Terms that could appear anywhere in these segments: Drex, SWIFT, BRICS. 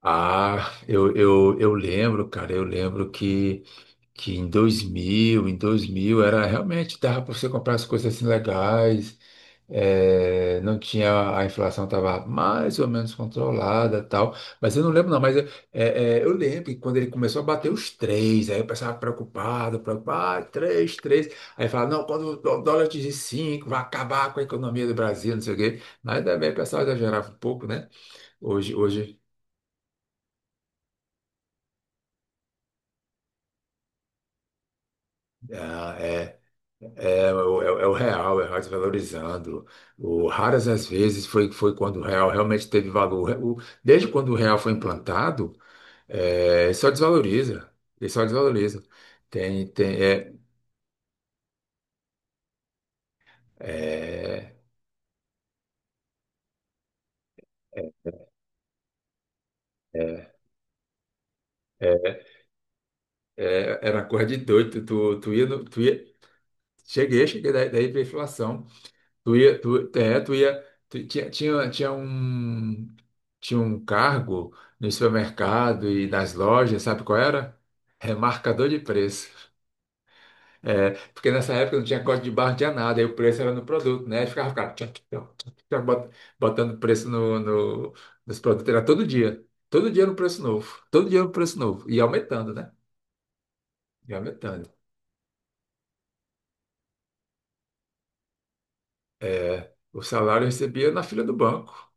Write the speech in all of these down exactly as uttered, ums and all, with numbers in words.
Ah, eu, eu, eu lembro, cara, eu lembro que, que em dois mil, em dois mil era realmente, dava para você comprar as coisas assim legais, eh, não tinha, a inflação estava mais ou menos controlada tal, mas eu não lembro não, mas eu, eh, eh, eu lembro que quando ele começou a bater os três, aí eu pensava preocupado, preocupado, ah, três, três, aí falava, não, quando o dólar atingir cinco, vai acabar com a economia do Brasil, não sei o quê, mas também o pessoal exagerava um pouco, né? Hoje, hoje... Ah, é. É, o é o- é o real, é o real desvalorizando. O, raras as vezes foi, foi quando o real realmente teve valor. O- desde quando o real foi implantado, é, ele só desvaloriza. Ele só desvaloriza. Tem, tem, é, é, é, é, é, era uma coisa de doido. Tu, tu ia, no- tu ia, cheguei, cheguei daí, daí para inflação. Tu ia, tu, é, tu ia, tu- tinha, tinha, tinha um, tinha um cargo no supermercado e nas lojas, sabe qual era? Remarcador de preço. É, porque nessa época não tinha código de barra, não tinha nada, aí o preço era no produto, né? Aí Ficava, ficava tchac, tchac, tchac, tchac, bot- botando preço no, no- nos produtos, era todo dia. Todo dia no preço novo, todo dia no preço novo, e aumentando, né? E aumentando. É, o salário eu recebia na fila do banco.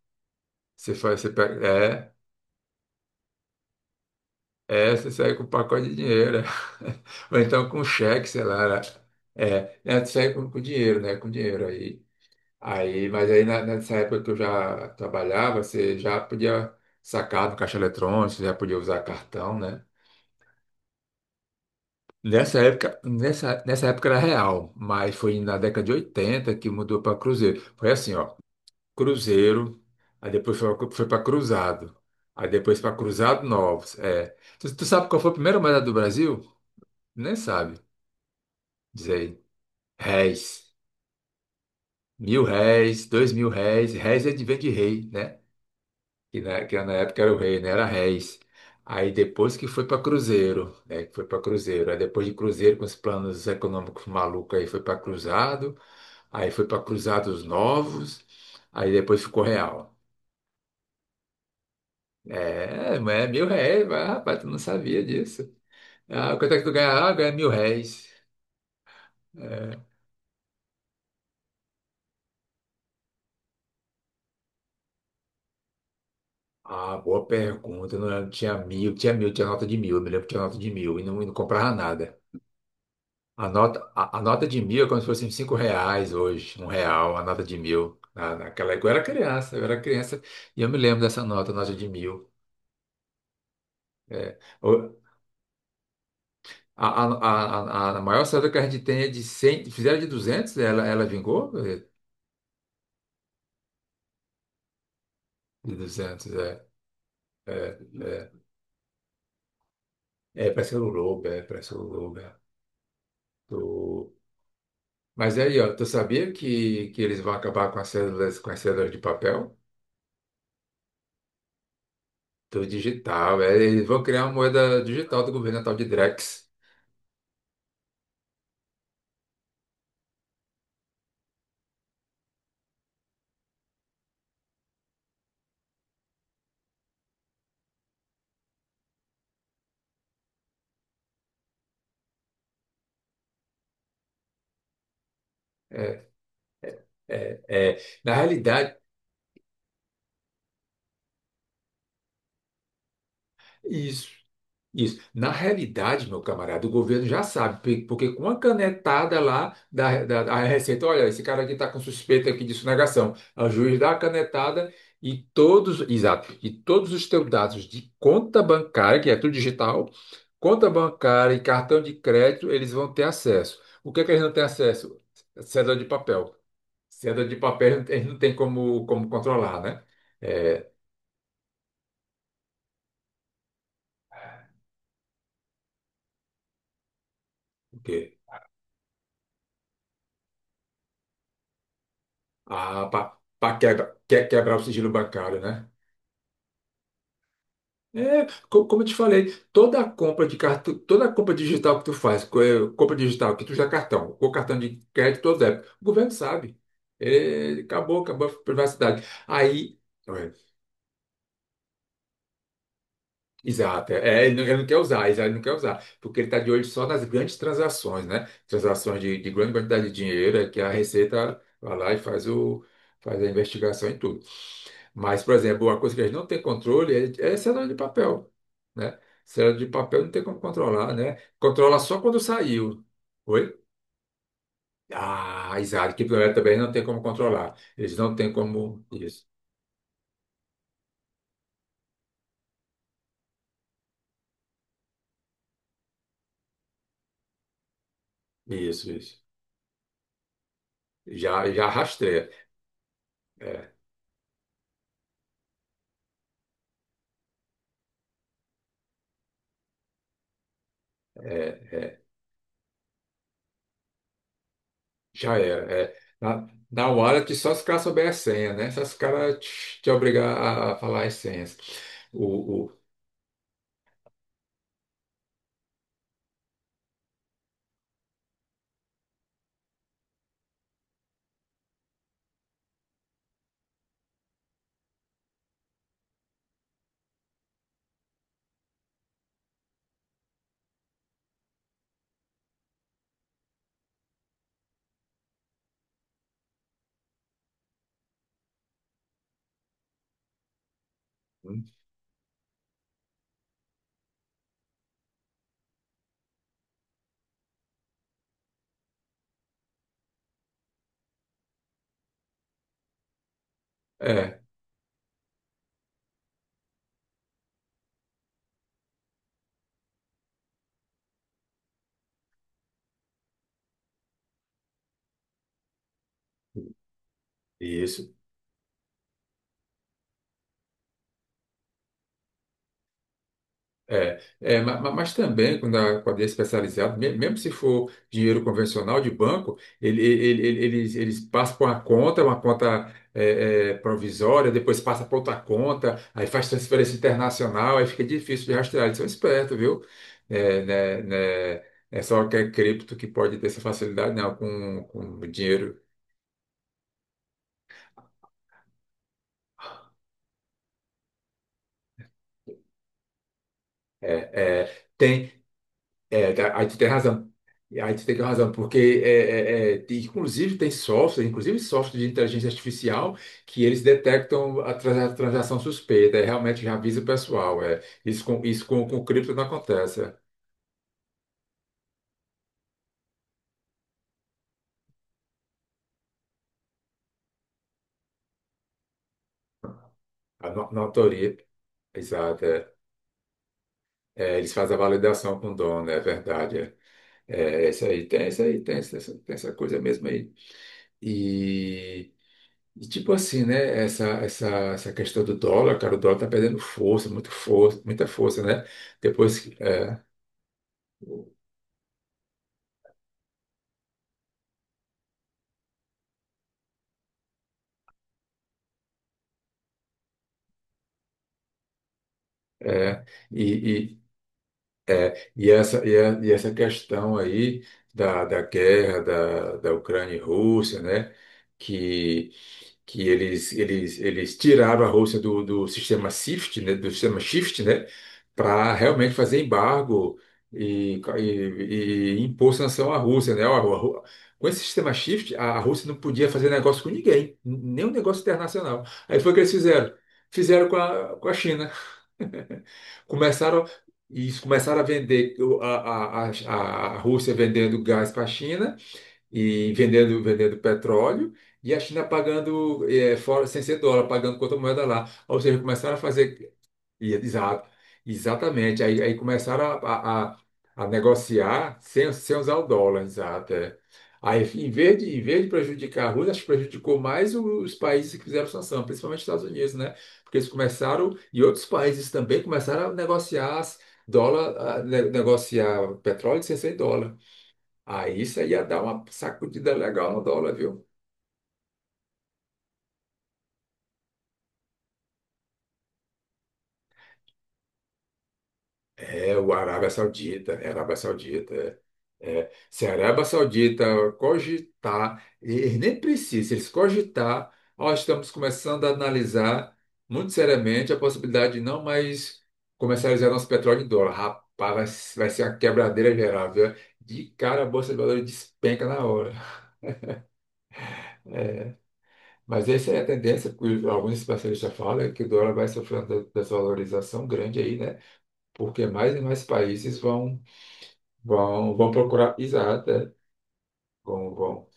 Você faz, você pega, é. É, você sai com um pacote de dinheiro. Ou então com cheque, sei lá. era- É, né, tu sai com, com dinheiro, né? Com dinheiro aí. Aí, mas aí na- nessa época que eu já trabalhava, você já podia sacar do caixa eletrônico, você já podia usar cartão, né? Nessa época, nessa, nessa época era real, mas foi na década de oitenta que mudou para Cruzeiro. Foi assim, ó, Cruzeiro, aí depois foi, foi para Cruzado, aí depois para Cruzado Novos. É. Tu, tu sabe qual foi a primeira moeda do Brasil? Nem sabe. Sei. Réis. Mil réis, dois mil réis. Réis é de- vem de rei, né? Que na, que na época era o rei, né? Era réis. Aí depois que foi para Cruzeiro, né? Que foi para Cruzeiro. Aí depois de Cruzeiro, com os planos econômicos malucos, aí foi para Cruzado. Aí foi para Cruzados Novos. Aí depois ficou real. É, mas é mil réis. Mas, rapaz, tu não sabia disso. Ah, quanto é que tu ganha? Ah, ganha mil réis. É, ah, boa pergunta. Eu não lembro. Tinha mil, tinha mil, tinha nota de mil. Eu me lembro que tinha nota de mil e não, e não comprava nada. A nota, a, a nota de mil é como se fosse cinco reais hoje, um real, a nota de mil. Na, naquela época eu era criança, eu era criança e eu me lembro dessa nota, nota de mil. É, o- a, a, a, a a maior saída que a gente tem é de cem, fizeram de duzentos, ela, ela vingou? É, de duzentos. É. É, é, é, parece que era o Lobo, é, parece que era o Lobo. É. Mas aí, ó, tu sabia que, que eles vão acabar com as cédulas, com as cédulas de papel? Tudo digital, é, eles vão criar uma moeda digital do governo, a tal de Drex. É, é, é. Na realidade, isso. Isso. Na realidade, meu camarada, o governo já sabe, pe- porque com a canetada lá da, da, da Receita, olha, esse cara aqui está com suspeita aqui de sonegação. O juiz dá a canetada e todos, exato, e todos os teus dados de conta bancária, que é tudo digital, conta bancária e cartão de crédito, eles vão ter acesso. O que é que eles não têm acesso? Cédula de papel. Cédula de papel eles não têm como, como controlar, né? É, o quê? Ah, para quebra, que- quebrar o sigilo bancário, né? É, co- como eu te falei, toda compra de cartão, toda compra digital que tu faz, co- é, compra digital que tu usa cartão, ou cartão de crédito ou débito, o governo sabe. É, acabou, acabou a privacidade. Aí, é, exato, é, ele não, ele não quer usar, ele não quer usar, porque ele está de olho só nas grandes transações, né? Transações de, de grande quantidade de dinheiro, é que a Receita vai lá e faz o, faz a investigação e tudo. Mas, por exemplo, uma coisa que a gente não tem controle é, é cédula de papel, né? Cédula de papel não tem como controlar, né? Controla só quando saiu. Oi? Ah, exato. Que planeta também não tem como controlar. Eles não têm como... Isso, isso, isso. Já, já rastreia. É, é, é. Já era. É. Na, na wallet, só se os caras souberem a senha, né? Só se os caras te, te obrigar a, a falar as senhas. O, o, é, isso. É, é, ma- ma- mas, também quando a quadrilha é especializada, me- mesmo se for dinheiro convencional de banco, ele- ele- ele- eles, eles passam por uma conta, uma conta é, é, provisória, depois passa para outra conta, aí faz transferência internacional, aí fica difícil de rastrear. Eles são espertos, viu? É, né, né, é só que é cripto que pode ter essa facilidade, não, com, com dinheiro. É, é, tem. É, tá, aí tu tem razão. E aí tu tem razão, porque é, é, é, tem- inclusive tem software, inclusive software de inteligência artificial, que eles detectam a transa- transação suspeita, é, realmente já avisa o pessoal. É, isso com, isso com, com cripto não acontece. É. A no- notoria, exato. É, é, eles fazem a validação com o dono, é verdade. É, é, isso aí, tem isso aí, tem, essa- tem essa coisa mesmo aí. E tipo assim, né? Essa, essa, essa questão do dólar, cara, o dólar tá perdendo força, muito força, muita força, né? Depois que. É, é, e, e, e, essa, e, a- e essa questão aí da, da guerra da, da Ucrânia e Rússia, né? Que que eles, eles, eles tiraram a Rússia do, do sistema SWIFT, né, do sistema SWIFT, né, para realmente fazer embargo e, e, e impor sanção à Rússia, né? Ó, a Rú- com esse sistema SWIFT, a, a Rússia não podia fazer negócio com ninguém, nem um negócio internacional. Aí foi o que eles fizeram. Fizeram com a, com a China. Começaram, e começaram a vender o- a, a, a, a Rússia vendendo gás para a China e vendendo, vendendo petróleo, e a China pagando eh, fora, sem ser dólar, pagando contra moeda lá. Ou seja, começaram a fazer. e- Exato, exatamente. Aí, aí começaram a, a, a- a negociar sem, sem usar o dólar, exato. É. Aí, em vez de, em vez de prejudicar a Rússia, acho que prejudicou mais o- os países que fizeram sanção, principalmente os Estados Unidos, né? Porque eles começaram, e outros países também começaram a negociar as- dólar, a ne- negociar petróleo sem ser dólar. Aí isso aí ia dar uma sacudida legal no dólar, viu? É o Arábia Saudita, é Arábia Saudita. É. É. Se a Arábia Saudita cogitar, e e nem precisa, se eles cogitar, nós estamos começando a analisar muito seriamente a possibilidade de não mais comercializar nosso petróleo em dólar. Rapaz, vai, s- vai ser a quebradeira geral, viu? De cara a Bolsa de Valores despenca na hora. Mas essa é a tendência que alguns especialistas falam, é que o dólar vai sofrer uma desvalorização grande aí, né? Porque mais e mais países vão, vão, vão procurar, exato, é, vão, vão.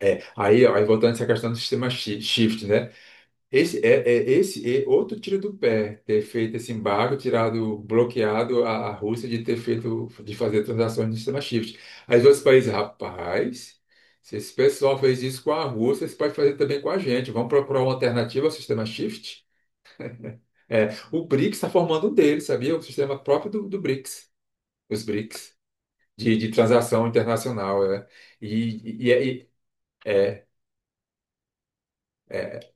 É, aí, ó, aí voltando a essa questão do sistema shi- shift, né? Esse é, é esse é outro tiro do pé, ter feito esse embargo, tirado, bloqueado a, a Rússia de ter feito, de fazer transações no sistema shift. Aí os outros países, rapaz, se esse pessoal fez isso com a Rússia, eles podem fazer também com a gente. Vamos procurar uma alternativa ao sistema shift? É, o BRICS está formando um deles, sabia? O sistema próprio do, do BRICS, os BRICS. De, de transação internacional, né? E, e, e-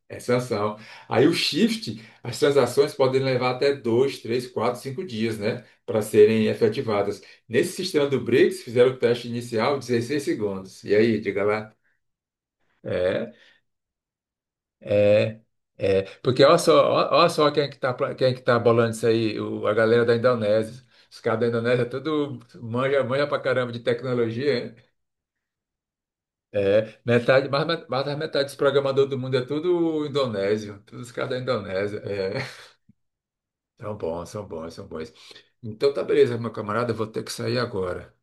é sanção. Aí o shift, as transações podem levar até dois, três, quatro, cinco dias, né, para serem efetivadas. Nesse sistema do BRICS, fizeram o teste inicial dezesseis segundos. E aí, diga lá. É, é, é. Porque olha só, ó- olha só quem é que tá, pla- quem é que tá bolando isso aí, o- a galera da Indonésia. Os caras da Indonésia tudo manja, manja pra caramba de tecnologia. É, metade, mais, met- mais da metade dos programadores do mundo é tudo indonésio, todos os caras da Indonésia. É, são bons, são bons, são bons. Então tá beleza, meu camarada, eu vou ter que sair agora.